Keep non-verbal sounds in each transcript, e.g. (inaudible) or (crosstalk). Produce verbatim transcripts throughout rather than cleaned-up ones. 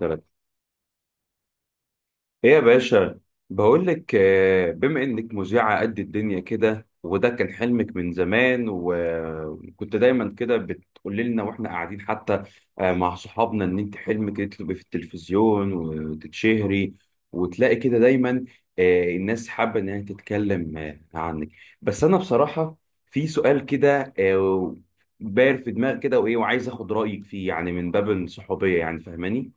ثلاثة. ايه يا باشا؟ بقول لك آه، بما انك مذيعة قد الدنيا كده، وده كان حلمك من زمان، وكنت دايما كده بتقولي لنا واحنا قاعدين حتى آه، مع صحابنا ان انت حلمك انت تبقي في التلفزيون وتتشهري، وتلاقي كده دايما آه، الناس حابة انها تتكلم آه، عنك. بس انا بصراحة في سؤال كده آه، داير في دماغي كده وايه، وعايز اخد رأيك فيه يعني من باب الصحوبية، يعني فاهماني؟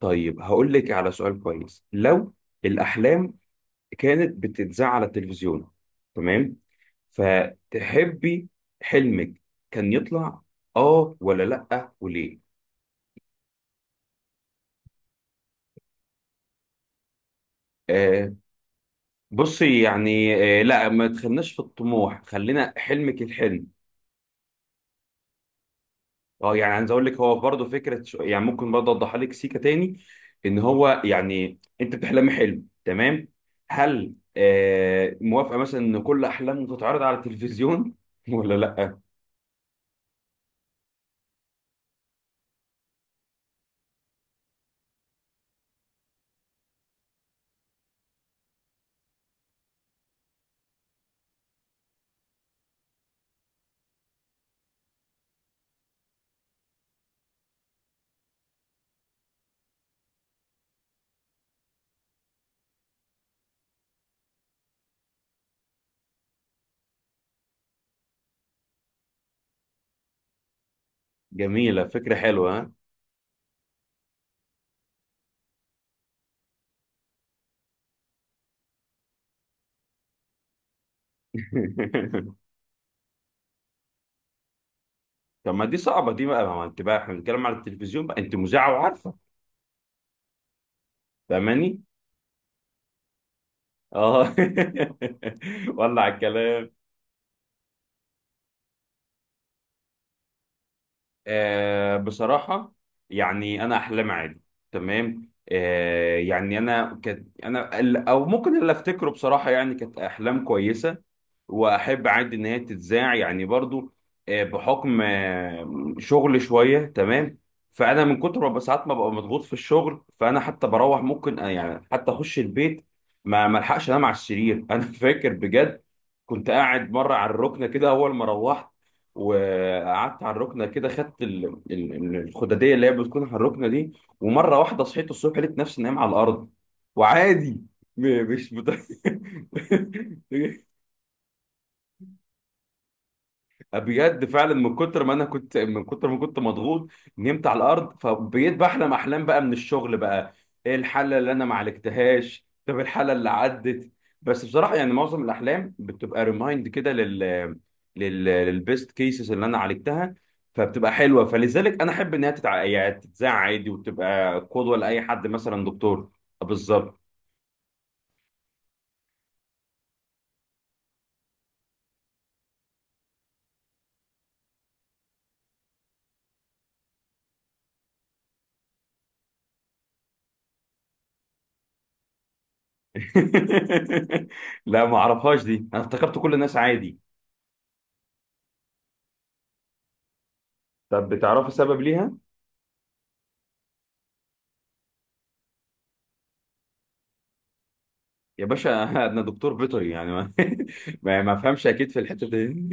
طيب هقول لك على سؤال كويس. لو الأحلام كانت بتتذاع على التلفزيون، تمام، فتحبي حلمك كان يطلع اه ولا لأ وليه؟ آه، بصي يعني. آه لا، ما تخلناش في الطموح، خلينا حلمك الحلم. اه يعني عايز اقول لك، هو برضه فكره، شو يعني ممكن برضه اوضحها لك سيكه تاني، ان هو يعني انت بتحلمي حلم، تمام. هل آه موافقه مثلا ان كل احلامك تتعرض على التلفزيون (laughs) ولا لا؟ جميله، فكره حلوه ها. (laughs) طب ما دي صعبه دي بقى، ما انت بقى احنا بنتكلم على التلفزيون بقى، انت مذيعه وعارفه. فاهماني؟ اه. (laughs) ولع الكلام. آه بصراحة يعني أنا أحلام عادي، تمام. آه يعني أنا كانت أنا ال- أو ممكن اللي أفتكره بصراحة، يعني كانت أحلام كويسة، وأحب عادي إن هي تتذاع يعني برضو. آه بحكم آه شغل شوية، تمام. فأنا من كتر ما ساعات ما ببقى مضغوط في الشغل، فأنا حتى بروح ممكن آه، يعني حتى أخش البيت ما ملحقش أنام على السرير. (laughs) أنا فاكر بجد كنت قاعد مرة على الركنة كده أول ما روحت، وقعدت على الركنه كده خدت ال- ال- ال- الخداديه اللي هي بتكون على الركنه دي. ومره واحده صحيت الصبح لقيت نفسي نايم على الارض، وعادي، م- مش مت... (laughs) بجد فعلا من كتر ما انا كنت من كتر ما كنت مضغوط نمت على الارض، فبقيت بحلم احلام بقى من الشغل بقى. ايه الحاله اللي انا ما عالجتهاش، طب الحاله اللي عدت. بس بصراحه يعني معظم الاحلام بتبقى ريمايند كده لل لل للبيست كيسز اللي انا عالجتها، فبتبقى حلوه، فلذلك انا احب انها تتع... يعني تتذاع عادي وتبقى قدوه لاي حد مثلا دكتور. آه، بالظبط. (laughs) لا ما اعرفهاش دي، انا افتكرت كل الناس عادي. طب بتعرفي سبب ليها؟ يا باشا (laughs) انا دكتور بيطري يعني ما (laughs) ما ما افهمش اكيد في الحته دي.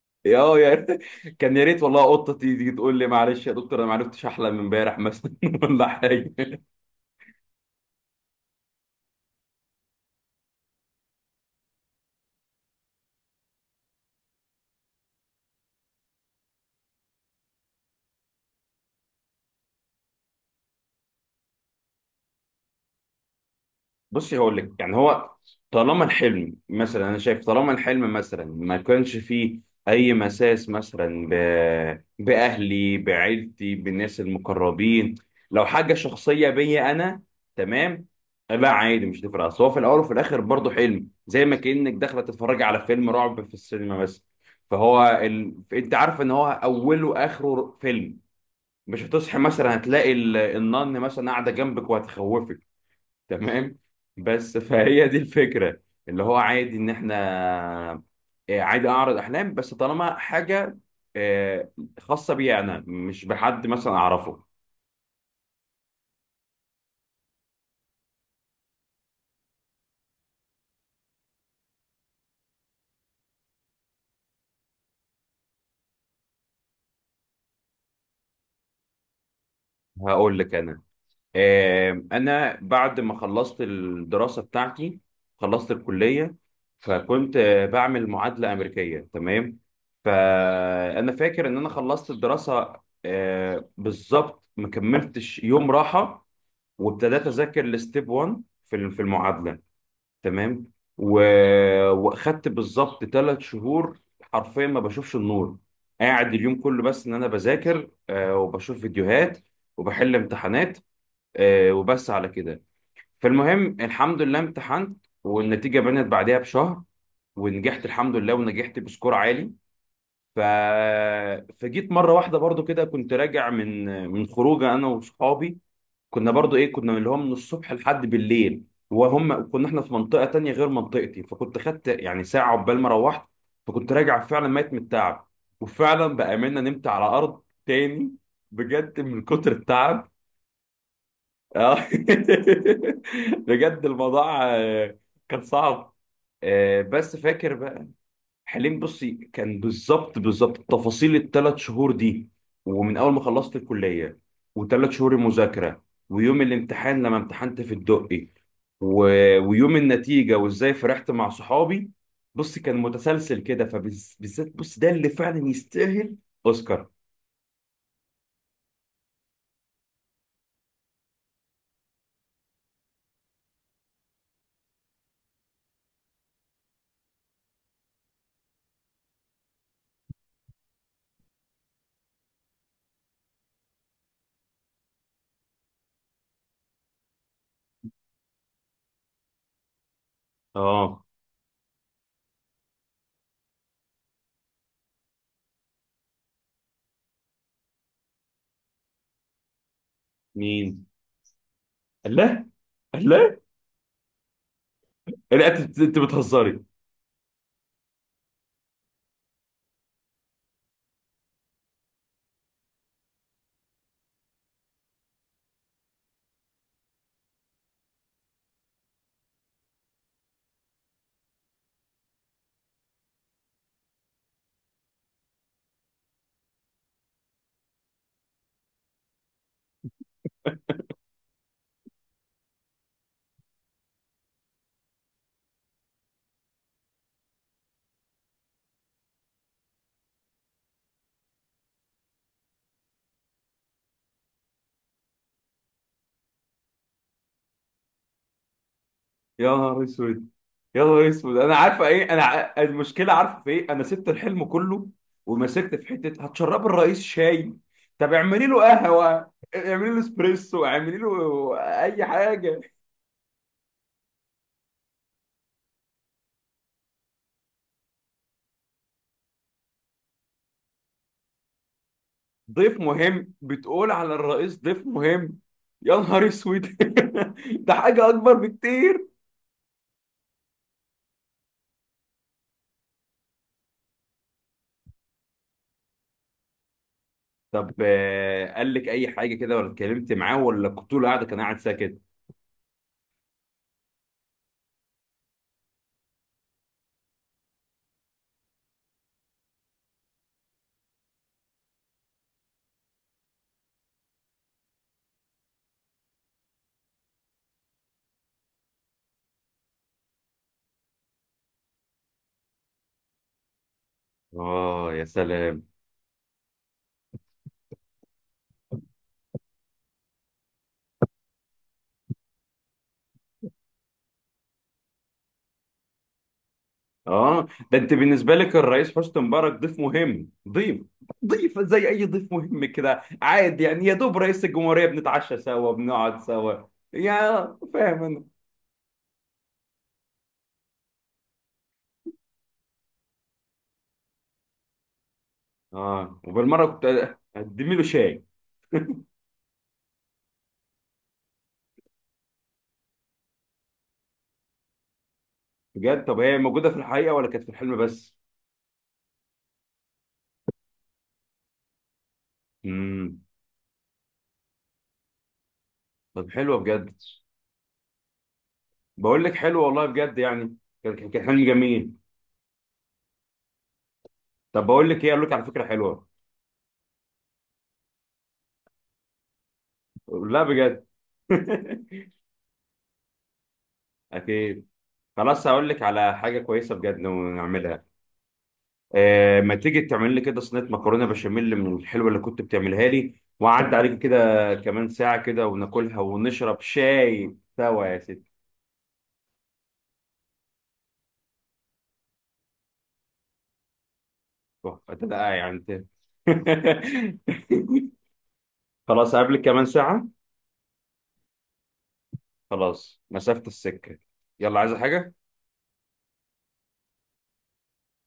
(laughs) يا اه يا ريت- كان يا ريت والله قطه تيجي تقول لي معلش يا دكتور انا ما عرفتش احلم امبارح مثلا (laughs) ولا حاجه. بصي هقول لك، يعني هو طالما الحلم مثلا انا شايف طالما الحلم مثلا ما كانش فيه اي مساس مثلا ب... باهلي بعيلتي بالناس المقربين، لو حاجه شخصيه بيا انا، تمام. لا عادي مش تفرق، اصل هو في الاول وفي الاخر برضه حلم، زي ما كانك داخله تتفرجي على فيلم رعب في السينما مثلا. فهو ال... انت عارف ان هو اوله واخره فيلم، مش هتصحي مثلا هتلاقي ال- النان مثلا قاعده جنبك وهتخوفك، تمام. بس فهي دي الفكرة، اللي هو عادي ان احنا آه، عادي اعرض احلام، بس طالما حاجة آه، خاصة بي انا، مش بحد مثلا اعرفه. هقول لك انا آه، انا بعد ما خلصت الدراسة بتاعتي، خلصت الكلية، فكنت آه، بعمل معادلة امريكية، تمام. فانا فاكر ان انا خلصت الدراسة آه، بالظبط ما كملتش يوم راحة، وابتديت اذاكر الستيب واحد في ال- في المعادله، تمام. و... واخدت بالظبط ثلاث شهور حرفيا ما بشوفش النور، قاعد اليوم كله بس ان انا بذاكر آه وبشوف فيديوهات وبحل امتحانات آه وبس على كده. فالمهم الحمد لله امتحنت، والنتيجه بانت بعدها بشهر، ونجحت الحمد لله، ونجحت بسكور عالي. ف... فجيت مره واحده برضو كده كنت راجع من من خروجه انا واصحابي، كنا برضو ايه كنا اللي هو من الصبح لحد بالليل، وهم كنا احنا في منطقة تانية غير منطقتي، فكنت خدت يعني ساعة عقبال ما روحت. فكنت راجع فعلا ميت من التعب، وفعلا بأمانة نمت على أرض تاني بجد من كتر التعب. آه. (laughs) بجد الموضوع آه، كان صعب. آه، بس فاكر بقى، حلمي بصي كان بالظبط بالظبط تفاصيل الثلاث شهور دي، ومن اول ما خلصت الكليه، وثلاث شهور المذاكره، ويوم الامتحان لما امتحنت في الدقي، و... ويوم النتيجه وازاي فرحت مع صحابي. بصي كان متسلسل كده، فبالذات بص، ده اللي فعلا يستاهل اوسكار. اه. مين؟ الله، الله. لا انت أنت بتهزري؟ يا نهار اسود، يا نهار اسود، انا عارفه ايه، انا ع- المشكله عارفه في ايه، انا سبت الحلم كله ومسكت في حته هتشرب الرئيس شاي. طب اعملي له قهوه، اعملي له اسبريسو، اعملي له اي حاجه. ضيف مهم بتقول على الرئيس؟ ضيف مهم. يا نهار اسود. (laughs) ده حاجه اكبر بكتير. طب آه، قال لك اي حاجه كده، ولا اتكلمت معاه، ولا كنت طول قاعده كان قاعد ساكت؟ اه يا سلام. اه، ده انت بالنسبه لك الرئيس حسني مبارك ضيف مهم، ضيف ضيف زي اي ضيف مهم كده عادي يعني، يا دوب رئيس الجمهوريه بنتعشى سوا بنقعد سوا. يا، فاهم انا. اه، وبالمره كنت اقدم له شاي. بجد؟ طب هي موجوده في الحقيقه ولا كانت في الحلم بس؟ امم. طب حلوه بجد، بقول لك حلوه والله بجد يعني، كان كان كان حلم جميل. طب بقول لك ايه، اقول لك على فكره حلوه. لا بجد. (laughs) اكيد. خلاص هقول لك على حاجه كويسه بجد نعملها. آه، ما تيجي تعمل لي كده صينيه مكرونه بشاميل من الحلوه اللي كنت بتعملها لي، واعدي عليك كده كمان ساعه كده وناكلها ونشرب شاي سوا يا ست. تحفة. ده لا، يعني انت. (laughs) خلاص قبل كمان ساعه. خلاص، مسافه السكه. يلا، عايزه حاجه؟